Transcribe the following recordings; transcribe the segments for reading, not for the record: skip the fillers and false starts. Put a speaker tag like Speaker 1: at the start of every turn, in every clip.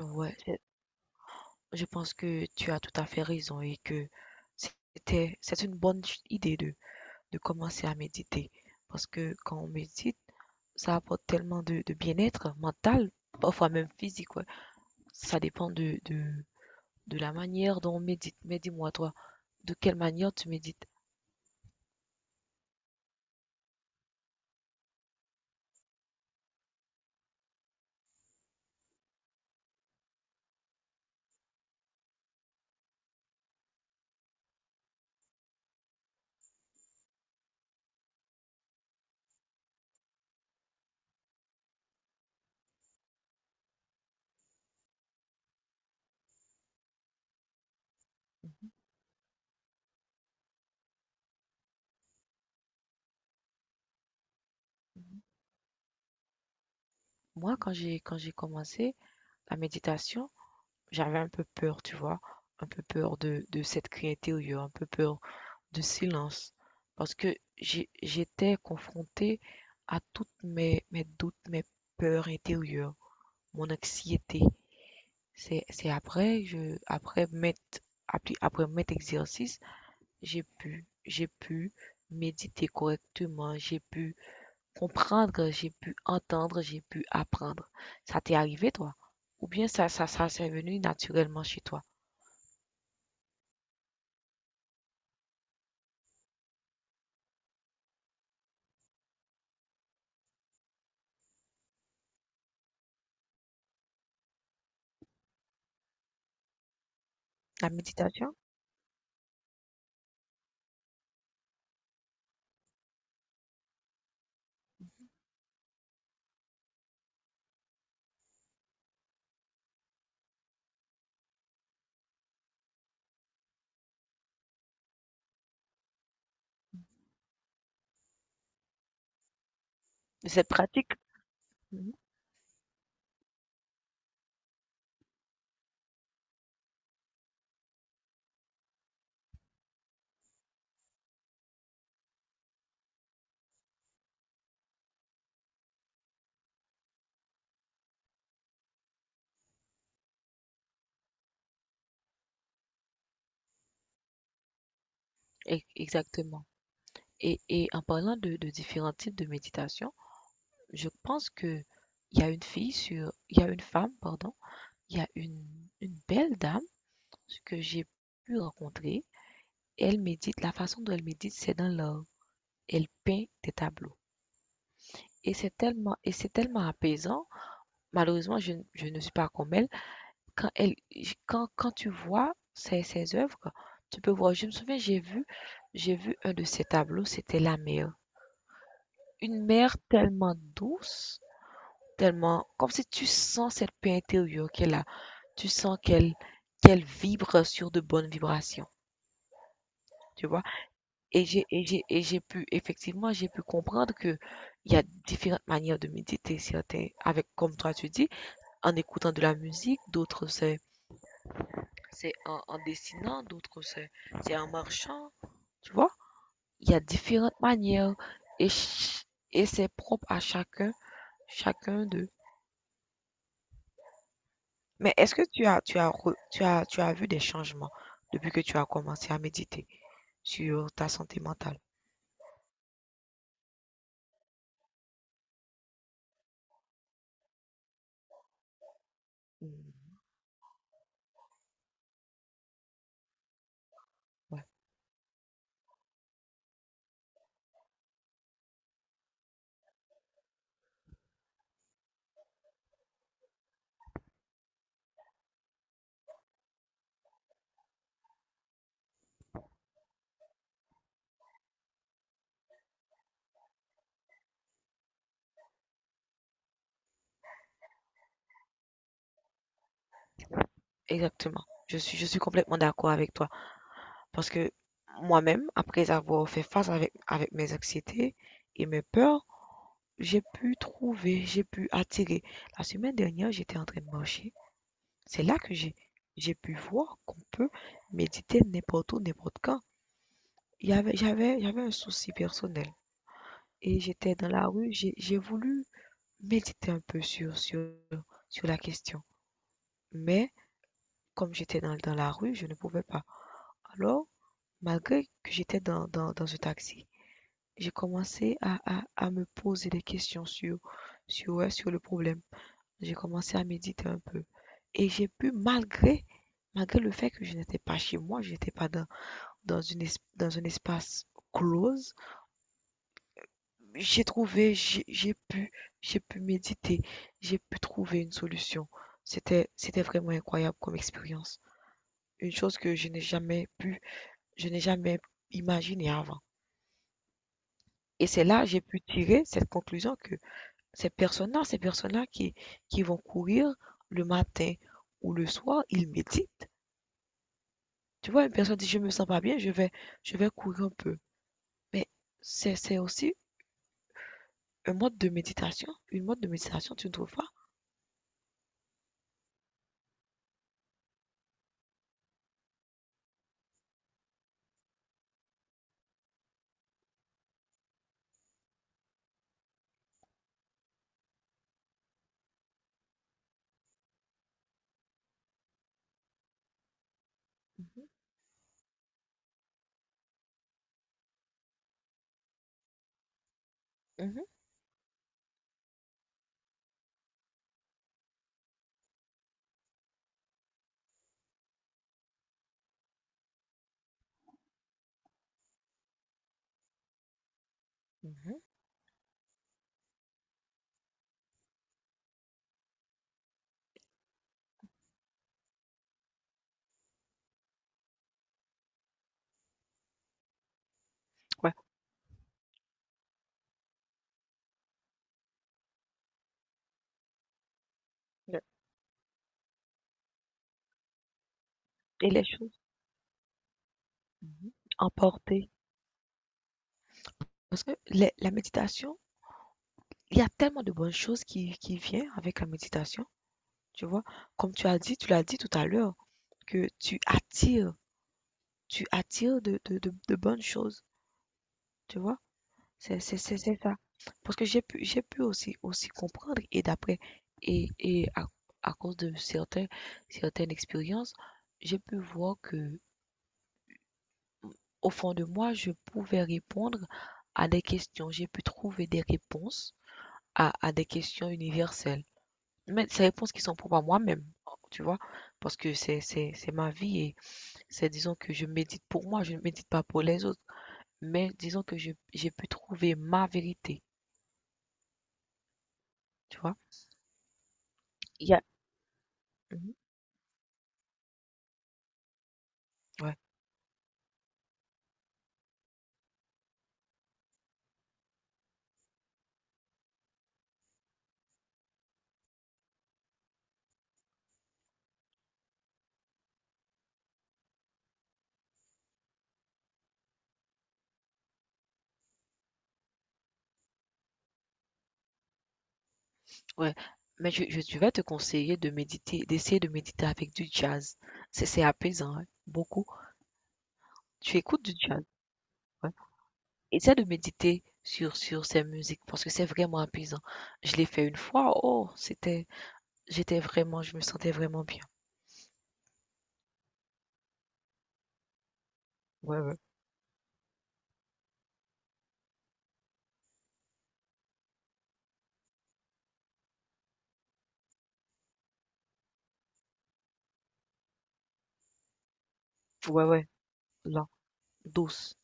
Speaker 1: Ouais, je pense que tu as tout à fait raison et que c'est une bonne idée de commencer à méditer. Parce que quand on médite, ça apporte tellement de bien-être mental, parfois même physique, ouais. Ça dépend de la manière dont on médite. Mais dis-moi, toi, de quelle manière tu médites? Mhm, mhm. Moi, quand j'ai commencé la méditation, j'avais un peu peur, tu vois? Un peu peur de cette criée intérieure, un peu peur de silence. Parce que j'étais confrontée à toutes mes doutes, mes peurs intérieures, mon anxiété. C'est après, je, après mettre, après, après mettre exercice, j'ai pu méditer correctement, j'ai pu comprendre, j'ai pu entendre, j'ai pu apprendre. Ça t'est arrivé, toi? Ou bien ça, c'est venu naturellement chez toi? La méditation, de cette pratique. Mhm. Exactement. Et en parlant de différents types de méditation, je pense que il y a une il y a une femme, pardon, il y a une belle dame que j'ai pu rencontrer. Et elle médite, la façon dont elle médite, c'est dans l'art. Elle peint des tableaux. Et c'est tellement apaisant. Malheureusement, je ne suis pas comme elle. Quand elle, quand tu vois ses œuvres, tu peux voir. Je me souviens, j'ai vu un de ses tableaux, c'était la mer. Une mer tellement douce, tellement, comme si tu sens cette paix intérieure qu'elle a. Tu sens qu'elle vibre sur de bonnes vibrations. Tu vois? Et j'ai pu effectivement, j'ai pu comprendre que il y a différentes manières de méditer. Certains avec comme toi tu dis, en écoutant de la musique, d'autres en dessinant, d'autres c'est en marchant, tu vois? Il y a différentes manières et ch- et c'est propre à chacun, chacun d'eux. Mais est-ce que tu as re- tu as vu des changements depuis que tu as commencé à méditer sur ta santé mentale? Hmm, ouais. Exactement. Je suis complètement d'accord avec toi. Parce que moi-même, après avoir fait face avec mes anxiétés et mes peurs, j'ai pu attirer. La semaine dernière, j'étais en train de marcher. C'est là que j'ai pu voir qu'on peut méditer n'importe où, n'importe quand. Il y avait, j'avais, j'avais un souci personnel. Et j'étais dans la rue, j'ai voulu méditer un peu sur la question. Mais comme j'étais dans la rue, je ne pouvais pas. Alors, malgré que j'étais dans un taxi, j'ai commencé à me poser des questions sur, ouais, sur le problème. J'ai commencé à méditer un peu. Et j'ai pu, malgré le fait que je n'étais pas chez moi, je n'étais pas dans un espace close, j'ai trouvé, j'ai j'ai pu, j'ai pu méditer, j'ai pu trouver une solution. C'était vraiment incroyable comme expérience. Une chose que je n'ai jamais imaginé avant. Et c'est là que j'ai pu tirer cette conclusion que ces personnes-là qui vont courir le matin ou le soir, ils méditent. Tu vois, une personne dit, je me sens pas bien, je vais courir un peu. Mais c'est aussi un mode de méditation? Une mode de méditation, tu ne trouves pas? Mhm, mhm, mhm. Ouais. Le- Et les choses mhm, emportées. Parce que la méditation, il y a tellement de bonnes choses qui viennent avec la méditation, tu vois? Comme tu as dit, tu l'as dit tout à l'heure, que tu attires de bonnes choses, tu vois? C'est ça. Parce que j'ai pu aussi aussi comprendre et d'après et à cause de certains certaines expériences, j'ai pu voir que au fond de moi, je pouvais répondre à des questions. J'ai pu trouver des réponses à des questions universelles. Mais ces réponses qui sont propres à moi-même, tu vois? Parce que c'est ma vie et c'est disons que je médite pour moi, je ne médite pas pour les autres. Mais disons que je j'ai pu trouver ma vérité, tu vois? Il y a mhm. Ouais, ouais. Mais je vais te conseiller de méditer, d'essayer de méditer avec du jazz. C'est apaisant, hein, beaucoup. Tu écoutes du jazz, ouais. Essaie de méditer sur ces musiques parce que c'est vraiment apaisant. Je l'ai fait une fois, oh, c'était j'étais vraiment, je me sentais vraiment bien. Ouais, ouais. Ouais, ouais. La douce.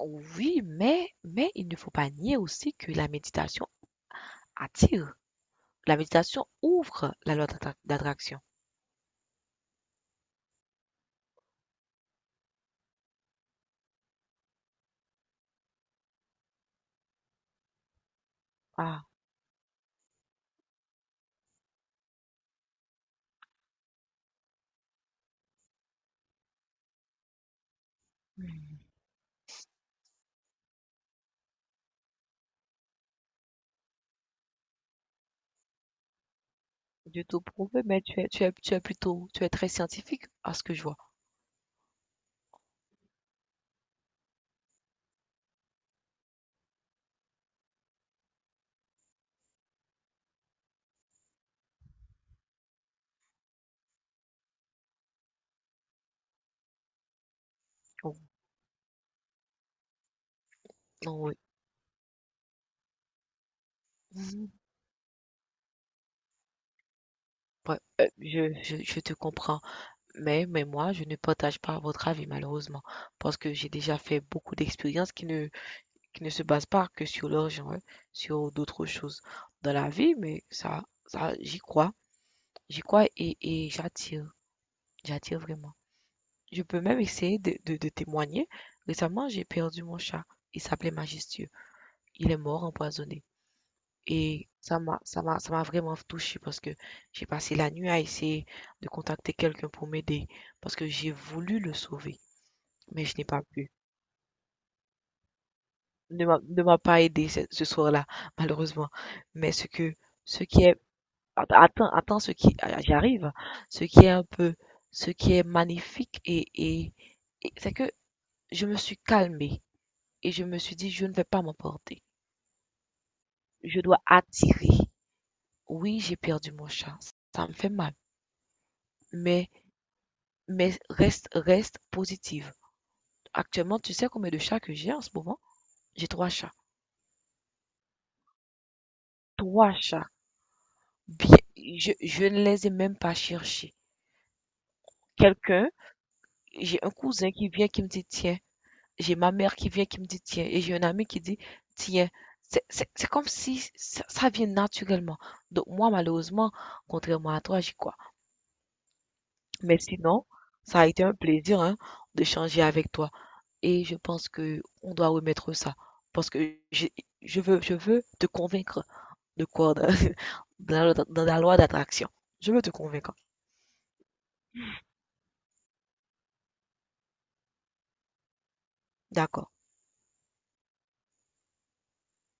Speaker 1: Oui, mais il ne faut pas nier aussi que la méditation attire. La méditation ouvre la loi d'attraction. Ah, hmm. Du tout prouvé, mais tu es très scientifique à ce que je vois. Oh, non, oui. Mhm. Ouais, je te comprends. Mais moi, je ne partage pas votre avis, malheureusement. Parce que j'ai déjà fait beaucoup d'expériences qui ne se basent pas que sur l'argent, hein, sur d'autres choses dans la vie, mais ça, j'y crois. J'y crois et j'attire, j'attire vraiment. Je peux même essayer de témoigner. Récemment, j'ai perdu mon chat. Il s'appelait Majestueux. Il est mort empoisonné et ça m'a vraiment touchée parce que j'ai passé la nuit à essayer de contacter quelqu'un pour m'aider parce que j'ai voulu le sauver, mais je n'ai pas pu. Ne m'a pas aidé ce soir-là malheureusement, mais ce que ce qui est Attends, attends ce qui, ah, j'arrive. Ce qui est un peu, ce qui est magnifique et c'est que je me suis calmée et je me suis dit, je ne vais pas m'emporter. Je dois attirer. Oui, j'ai perdu mon chat. Ça me fait mal. Mais, mais reste positive. Actuellement, tu sais combien de chats que j'ai en ce moment? J'ai trois chats. Trois chats. Bien, je ne les ai même pas cherchés. Quelqu'un, j'ai un cousin qui vient qui me dit, tiens, j'ai ma mère qui vient qui me dit tiens et j'ai un ami qui dit tiens. C'est comme si ça vient naturellement. Donc moi, malheureusement, contrairement à toi, j'y crois. Mais sinon, ça a été un plaisir hein, d'échanger avec toi. Et je pense que on doit remettre ça. Parce que je veux te convaincre de quoi? De, de la loi d'attraction. Je veux te convaincre. D'accord.